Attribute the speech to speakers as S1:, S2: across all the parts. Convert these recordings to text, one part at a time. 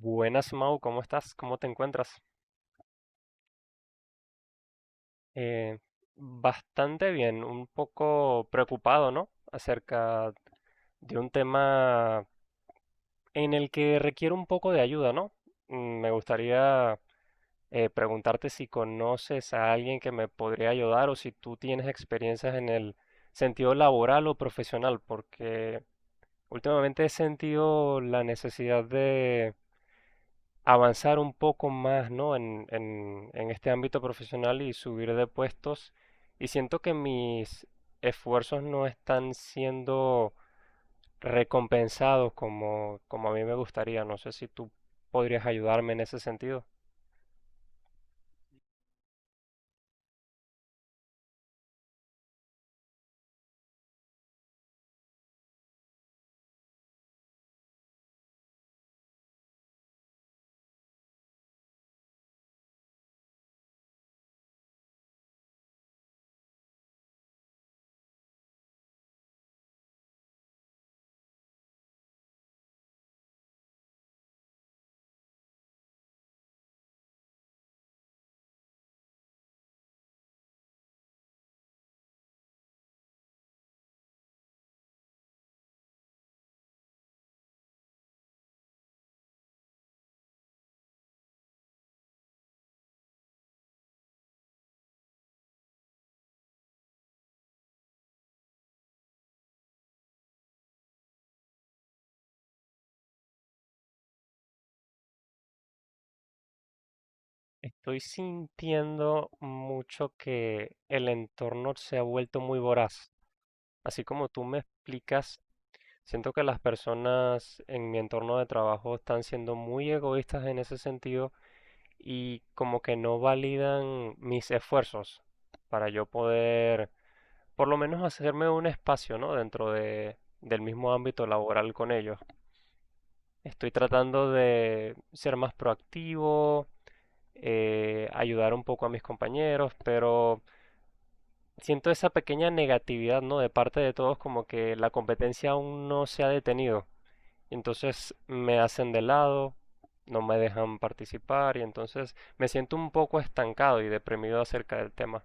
S1: Buenas, Mau, ¿cómo estás? ¿Cómo te encuentras? Eh, Bastante bien, un poco preocupado, ¿no? Acerca de un tema en el que requiere un poco de ayuda, ¿no? Me gustaría preguntarte si conoces a alguien que me podría ayudar o si tú tienes experiencias en el sentido laboral o profesional, porque últimamente he sentido la necesidad de avanzar un poco más, ¿no? En este ámbito profesional y subir de puestos. Y siento que mis esfuerzos no están siendo recompensados como a mí me gustaría. No sé si tú podrías ayudarme en ese sentido. Estoy sintiendo mucho que el entorno se ha vuelto muy voraz. Así como tú me explicas, siento que las personas en mi entorno de trabajo están siendo muy egoístas en ese sentido y como que no validan mis esfuerzos para yo poder por lo menos hacerme un espacio, ¿no? Dentro del mismo ámbito laboral con ellos. Estoy tratando de ser más proactivo, ayudar un poco a mis compañeros, pero siento esa pequeña negatividad, ¿no? De parte de todos, como que la competencia aún no se ha detenido. Entonces me hacen de lado, no me dejan participar y entonces me siento un poco estancado y deprimido acerca del tema.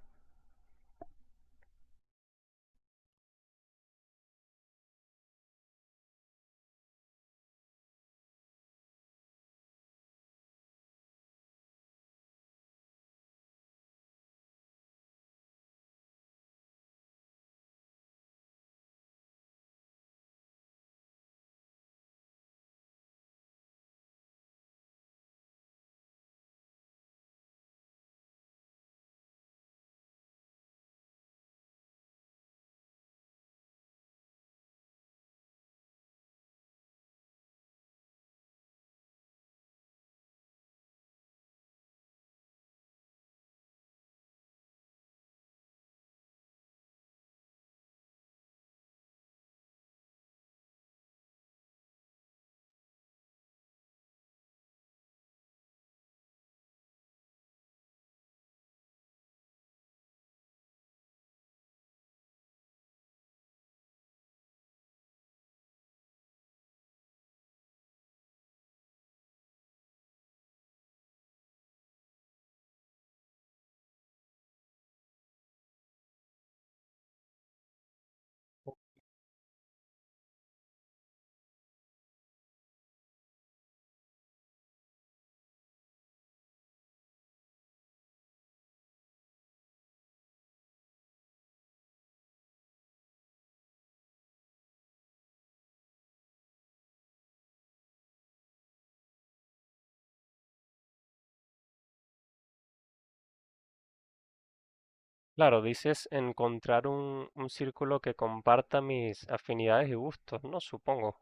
S1: Claro, dices encontrar un círculo que comparta mis afinidades y gustos, ¿no? Supongo.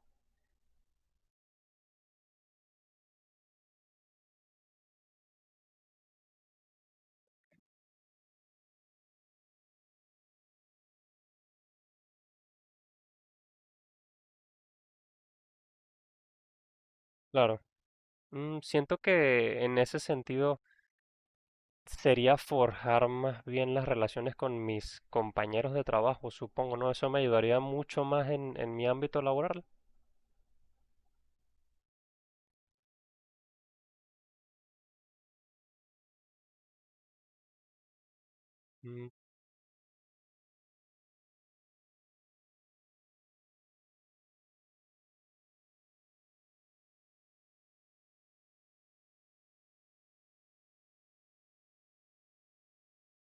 S1: Claro. Siento que en ese sentido sería forjar más bien las relaciones con mis compañeros de trabajo, supongo, ¿no? Eso me ayudaría mucho más en mi ámbito laboral.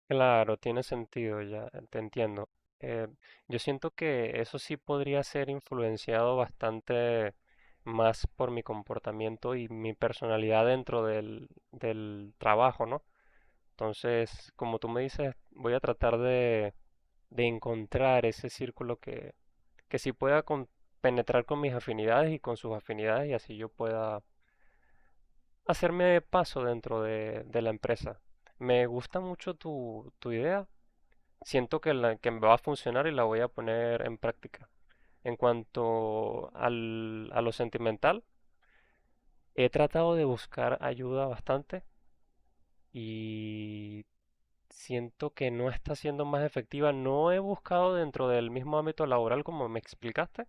S1: Claro, tiene sentido, ya te entiendo. Eh, yo siento que eso sí podría ser influenciado bastante más por mi comportamiento y mi personalidad dentro del trabajo, ¿no? Entonces, como tú me dices, voy a tratar de encontrar ese círculo que sí pueda penetrar con mis afinidades y con sus afinidades y así yo pueda hacerme paso dentro de la empresa. Me gusta mucho tu idea. Siento que me va a funcionar y la voy a poner en práctica. En cuanto a lo sentimental, he tratado de buscar ayuda bastante y siento que no está siendo más efectiva. No he buscado dentro del mismo ámbito laboral como me explicaste.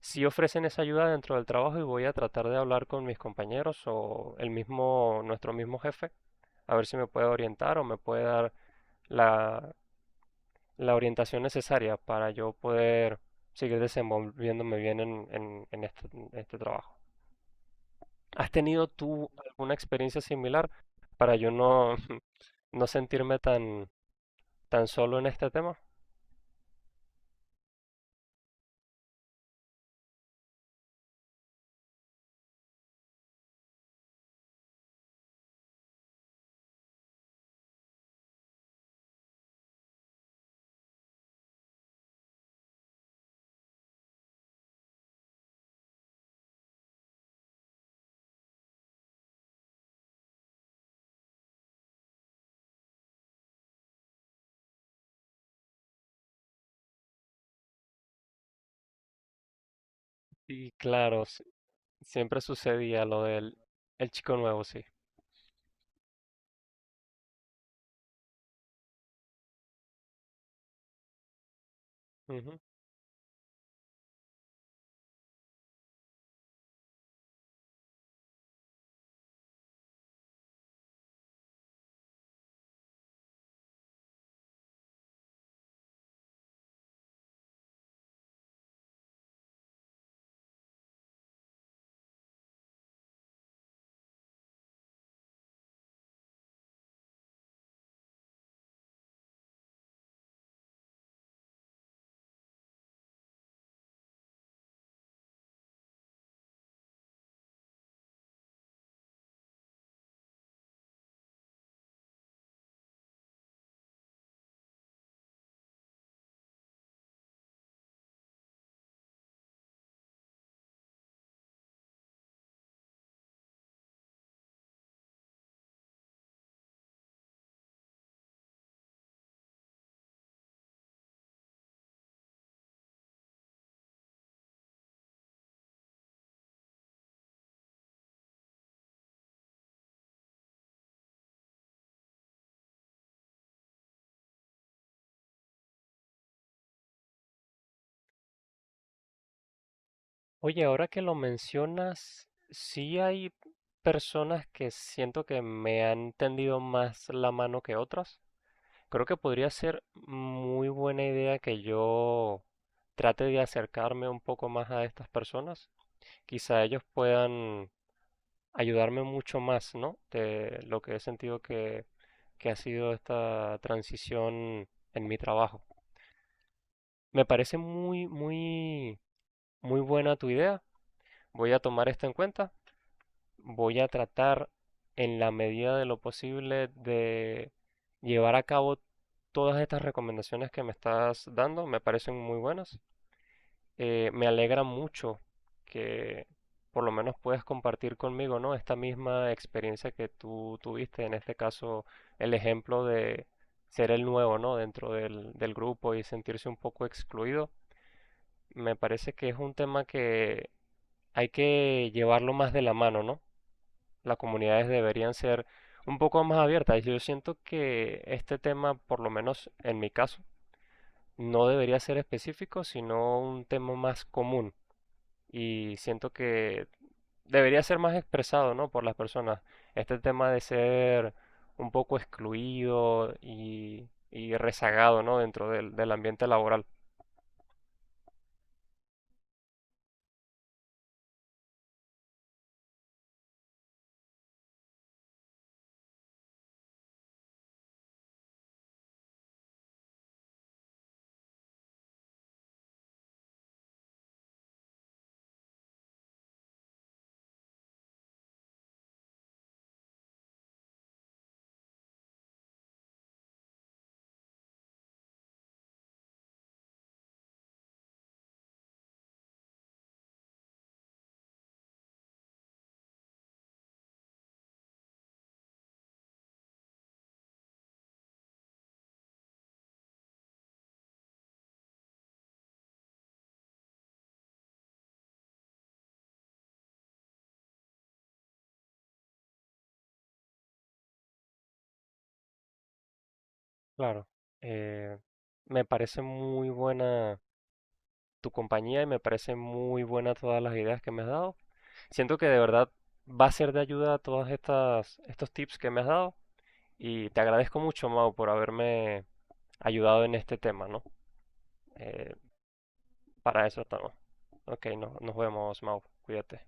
S1: Si ofrecen esa ayuda dentro del trabajo y voy a tratar de hablar con mis compañeros o el mismo, nuestro mismo jefe, a ver si me puede orientar o me puede dar la, la orientación necesaria para yo poder seguir desenvolviéndome bien en, en este trabajo. ¿Has tenido tú alguna experiencia similar para yo no, no sentirme tan, tan solo en este tema? Y claro, siempre sucedía lo del el chico nuevo, sí. Ujú. Oye, ahora que lo mencionas, sí hay personas que siento que me han tendido más la mano que otras. Creo que podría ser muy buena idea que yo trate de acercarme un poco más a estas personas. Quizá ellos puedan ayudarme mucho más, ¿no? De lo que he sentido que ha sido esta transición en mi trabajo. Me parece muy, muy, muy buena tu idea. Voy a tomar esto en cuenta, voy a tratar en la medida de lo posible de llevar a cabo todas estas recomendaciones que me estás dando, me parecen muy buenas. Me alegra mucho que por lo menos puedas compartir conmigo, ¿no? Esta misma experiencia que tú tuviste, en este caso el ejemplo de ser el nuevo, ¿no? Dentro del grupo y sentirse un poco excluido. Me parece que es un tema que hay que llevarlo más de la mano, ¿no? Las comunidades deberían ser un poco más abiertas. Yo siento que este tema, por lo menos en mi caso, no debería ser específico, sino un tema más común. Y siento que debería ser más expresado, ¿no? Por las personas. Este tema de ser un poco excluido y rezagado, ¿no? Dentro del ambiente laboral. Claro. Eh, Me parece muy buena tu compañía y me parece muy buena todas las ideas que me has dado. Siento que de verdad va a ser de ayuda a estos tips que me has dado y te agradezco mucho, Mau, por haberme ayudado en este tema, ¿no? Eh, para eso estamos. Ok, no, nos vemos, Mau. Cuídate.